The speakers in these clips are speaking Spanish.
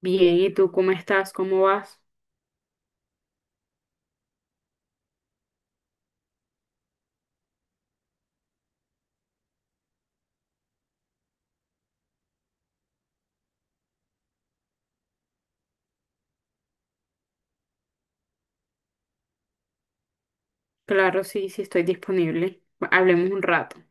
Bien, ¿y tú cómo estás? ¿Cómo vas? Claro, sí, sí estoy disponible. Hablemos un rato.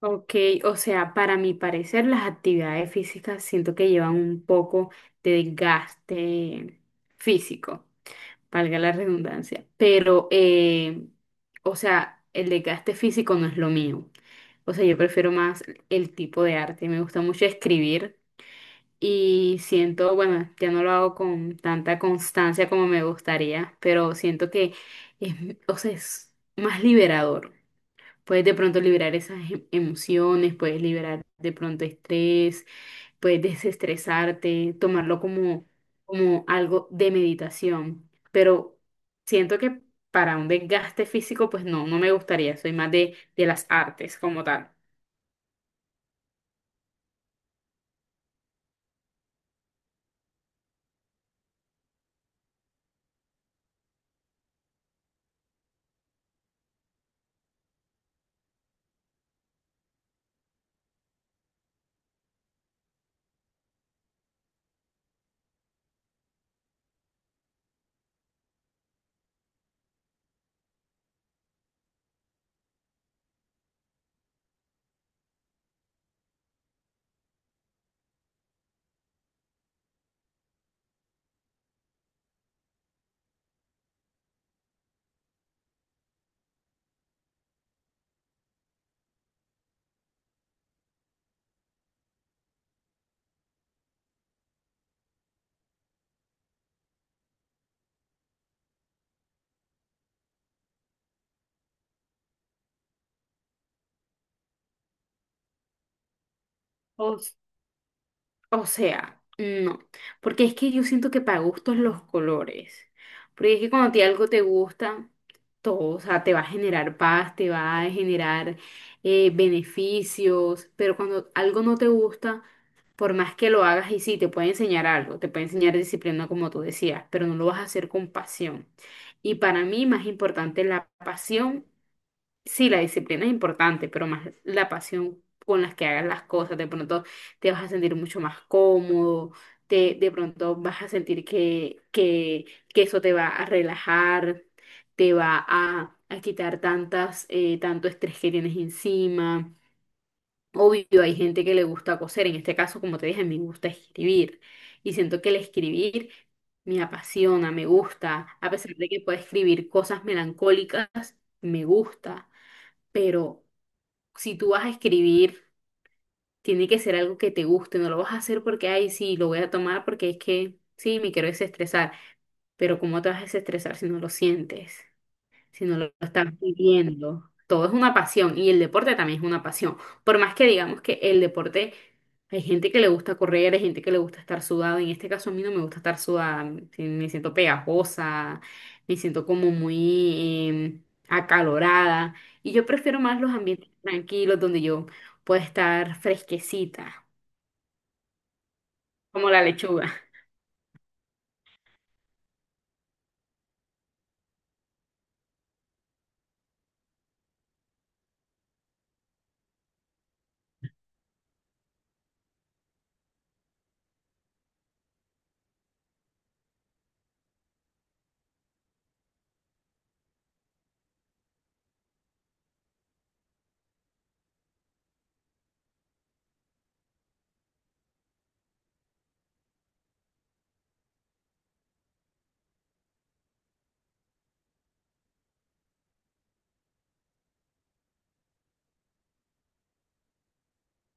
Ok, o sea, para mi parecer las actividades físicas siento que llevan un poco de desgaste físico, valga la redundancia, pero, o sea, el desgaste físico no es lo mío. O sea, yo prefiero más el tipo de arte. Me gusta mucho escribir. Y siento, bueno, ya no lo hago con tanta constancia como me gustaría, pero siento que es, o sea, es más liberador. Puedes de pronto liberar esas emociones, puedes liberar de pronto estrés, puedes desestresarte, tomarlo como, como algo de meditación. Pero siento que para un desgaste físico, pues no, no me gustaría. Soy más de las artes como tal. O sea, no, porque es que yo siento que para gustos los colores, porque es que cuando a ti algo te gusta, todo, o sea, te va a generar paz, te va a generar beneficios, pero cuando algo no te gusta, por más que lo hagas y sí, te puede enseñar algo, te puede enseñar disciplina como tú decías, pero no lo vas a hacer con pasión. Y para mí más importante es la pasión. Sí, la disciplina es importante, pero más la pasión con las que hagas las cosas. De pronto te vas a sentir mucho más cómodo, te, de pronto vas a sentir que eso te va a relajar, te va a quitar tantas, tanto estrés que tienes encima. Obvio, hay gente que le gusta coser. En este caso, como te dije, me gusta escribir. Y siento que el escribir me apasiona, me gusta. A pesar de que puedo escribir cosas melancólicas, me gusta, pero si tú vas a escribir, tiene que ser algo que te guste, no lo vas a hacer porque, ay, sí, lo voy a tomar porque es que, sí, me quiero desestresar, pero ¿cómo te vas a desestresar si no lo sientes? Si no lo estás viviendo. Todo es una pasión y el deporte también es una pasión. Por más que digamos que el deporte, hay gente que le gusta correr, hay gente que le gusta estar sudado. En este caso a mí no me gusta estar sudada, sí, me siento pegajosa, me siento como muy acalorada. Y yo prefiero más los ambientes tranquilos donde yo pueda estar fresquecita, como la lechuga.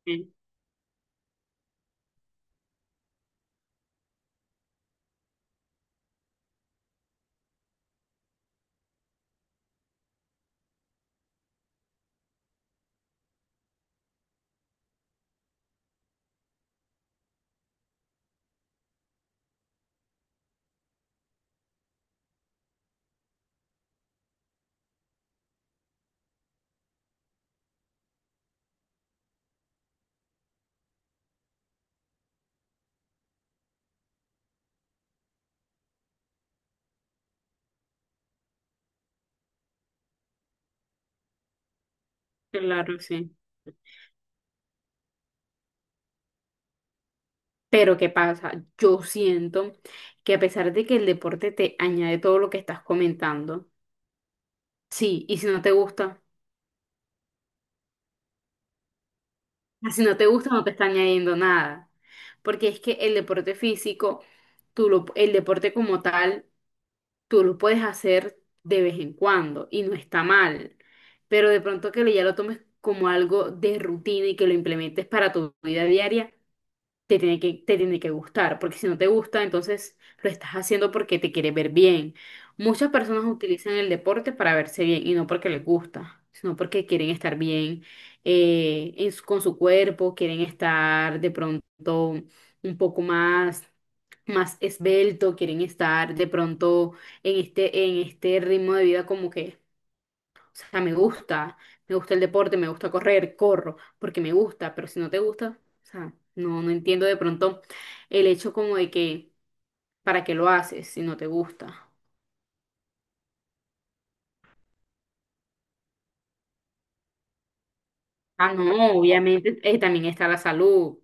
Sí, claro, sí. Pero ¿qué pasa? Yo siento que a pesar de que el deporte te añade todo lo que estás comentando, sí, y si no te gusta, ah, si no te gusta no te está añadiendo nada. Porque es que el deporte físico, el deporte como tal, tú lo puedes hacer de vez en cuando y no está mal. Pero de pronto que ya lo tomes como algo de rutina y que lo implementes para tu vida diaria te tiene te tiene que gustar, porque si no te gusta, entonces lo estás haciendo porque te quiere ver bien. Muchas personas utilizan el deporte para verse bien y no porque les gusta, sino porque quieren estar bien, con su cuerpo, quieren estar de pronto un poco más, más esbelto, quieren estar de pronto en este ritmo de vida como que, o sea, me gusta el deporte, me gusta correr, corro, porque me gusta, pero si no te gusta, o sea, no, no entiendo de pronto el hecho como de que, ¿para qué lo haces si no te gusta? Ah, no, obviamente también está la salud.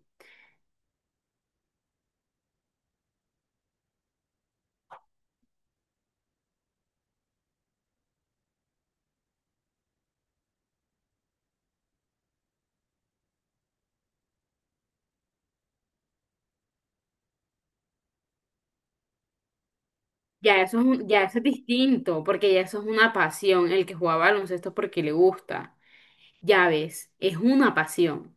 Ya eso es, ya eso es distinto, porque ya eso es una pasión. El que juega baloncesto es porque le gusta. Ya ves, es una pasión.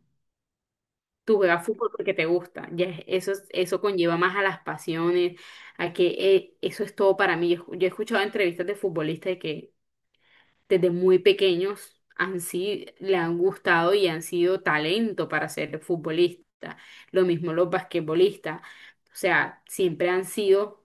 Tú juegas fútbol porque te gusta. Eso, eso conlleva más a las pasiones, a que eso es todo para mí. Yo he escuchado entrevistas de futbolistas que desde muy pequeños han, sido le han gustado y han sido talento para ser futbolista. Lo mismo los basquetbolistas. O sea, siempre han sido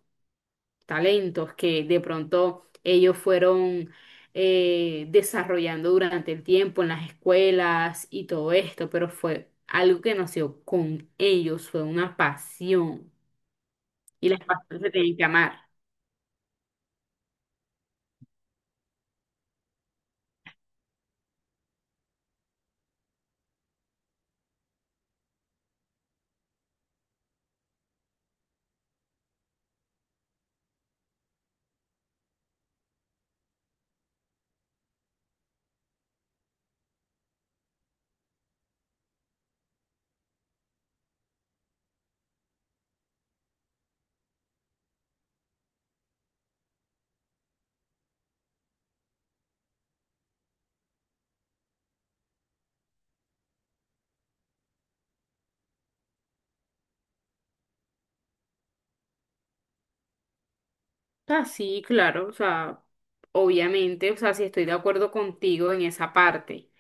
talentos que de pronto ellos fueron desarrollando durante el tiempo en las escuelas y todo esto, pero fue algo que nació con ellos, fue una pasión y las pasiones se tienen que amar. Ah, sí, claro, o sea, obviamente, o sea, sí estoy de acuerdo contigo en esa parte,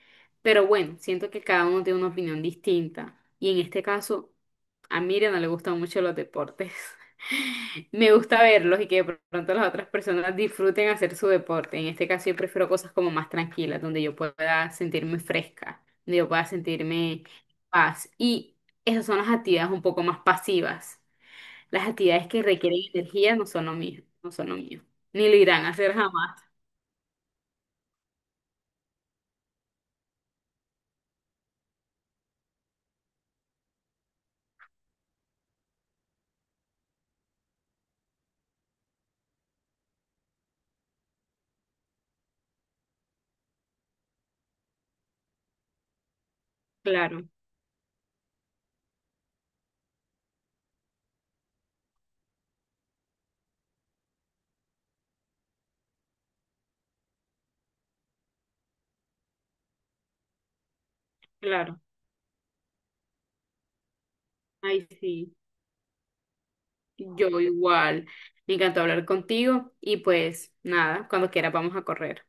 pero bueno, siento que cada uno tiene una opinión distinta y en este caso a Miriam no le gustan mucho los deportes. Me gusta verlos y que de pronto las otras personas disfruten hacer su deporte. En este caso yo prefiero cosas como más tranquilas, donde yo pueda sentirme fresca, donde yo pueda sentirme en paz y esas son las actividades un poco más pasivas. Las actividades que requieren energía no son lo mío, no son lo mío. Ni lo irán a hacer jamás. Claro, claro. Ay, sí. Yo igual. Me encantó hablar contigo y pues nada, cuando quiera vamos a correr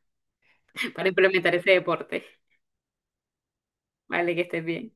para implementar ese deporte. Vale, que estés bien.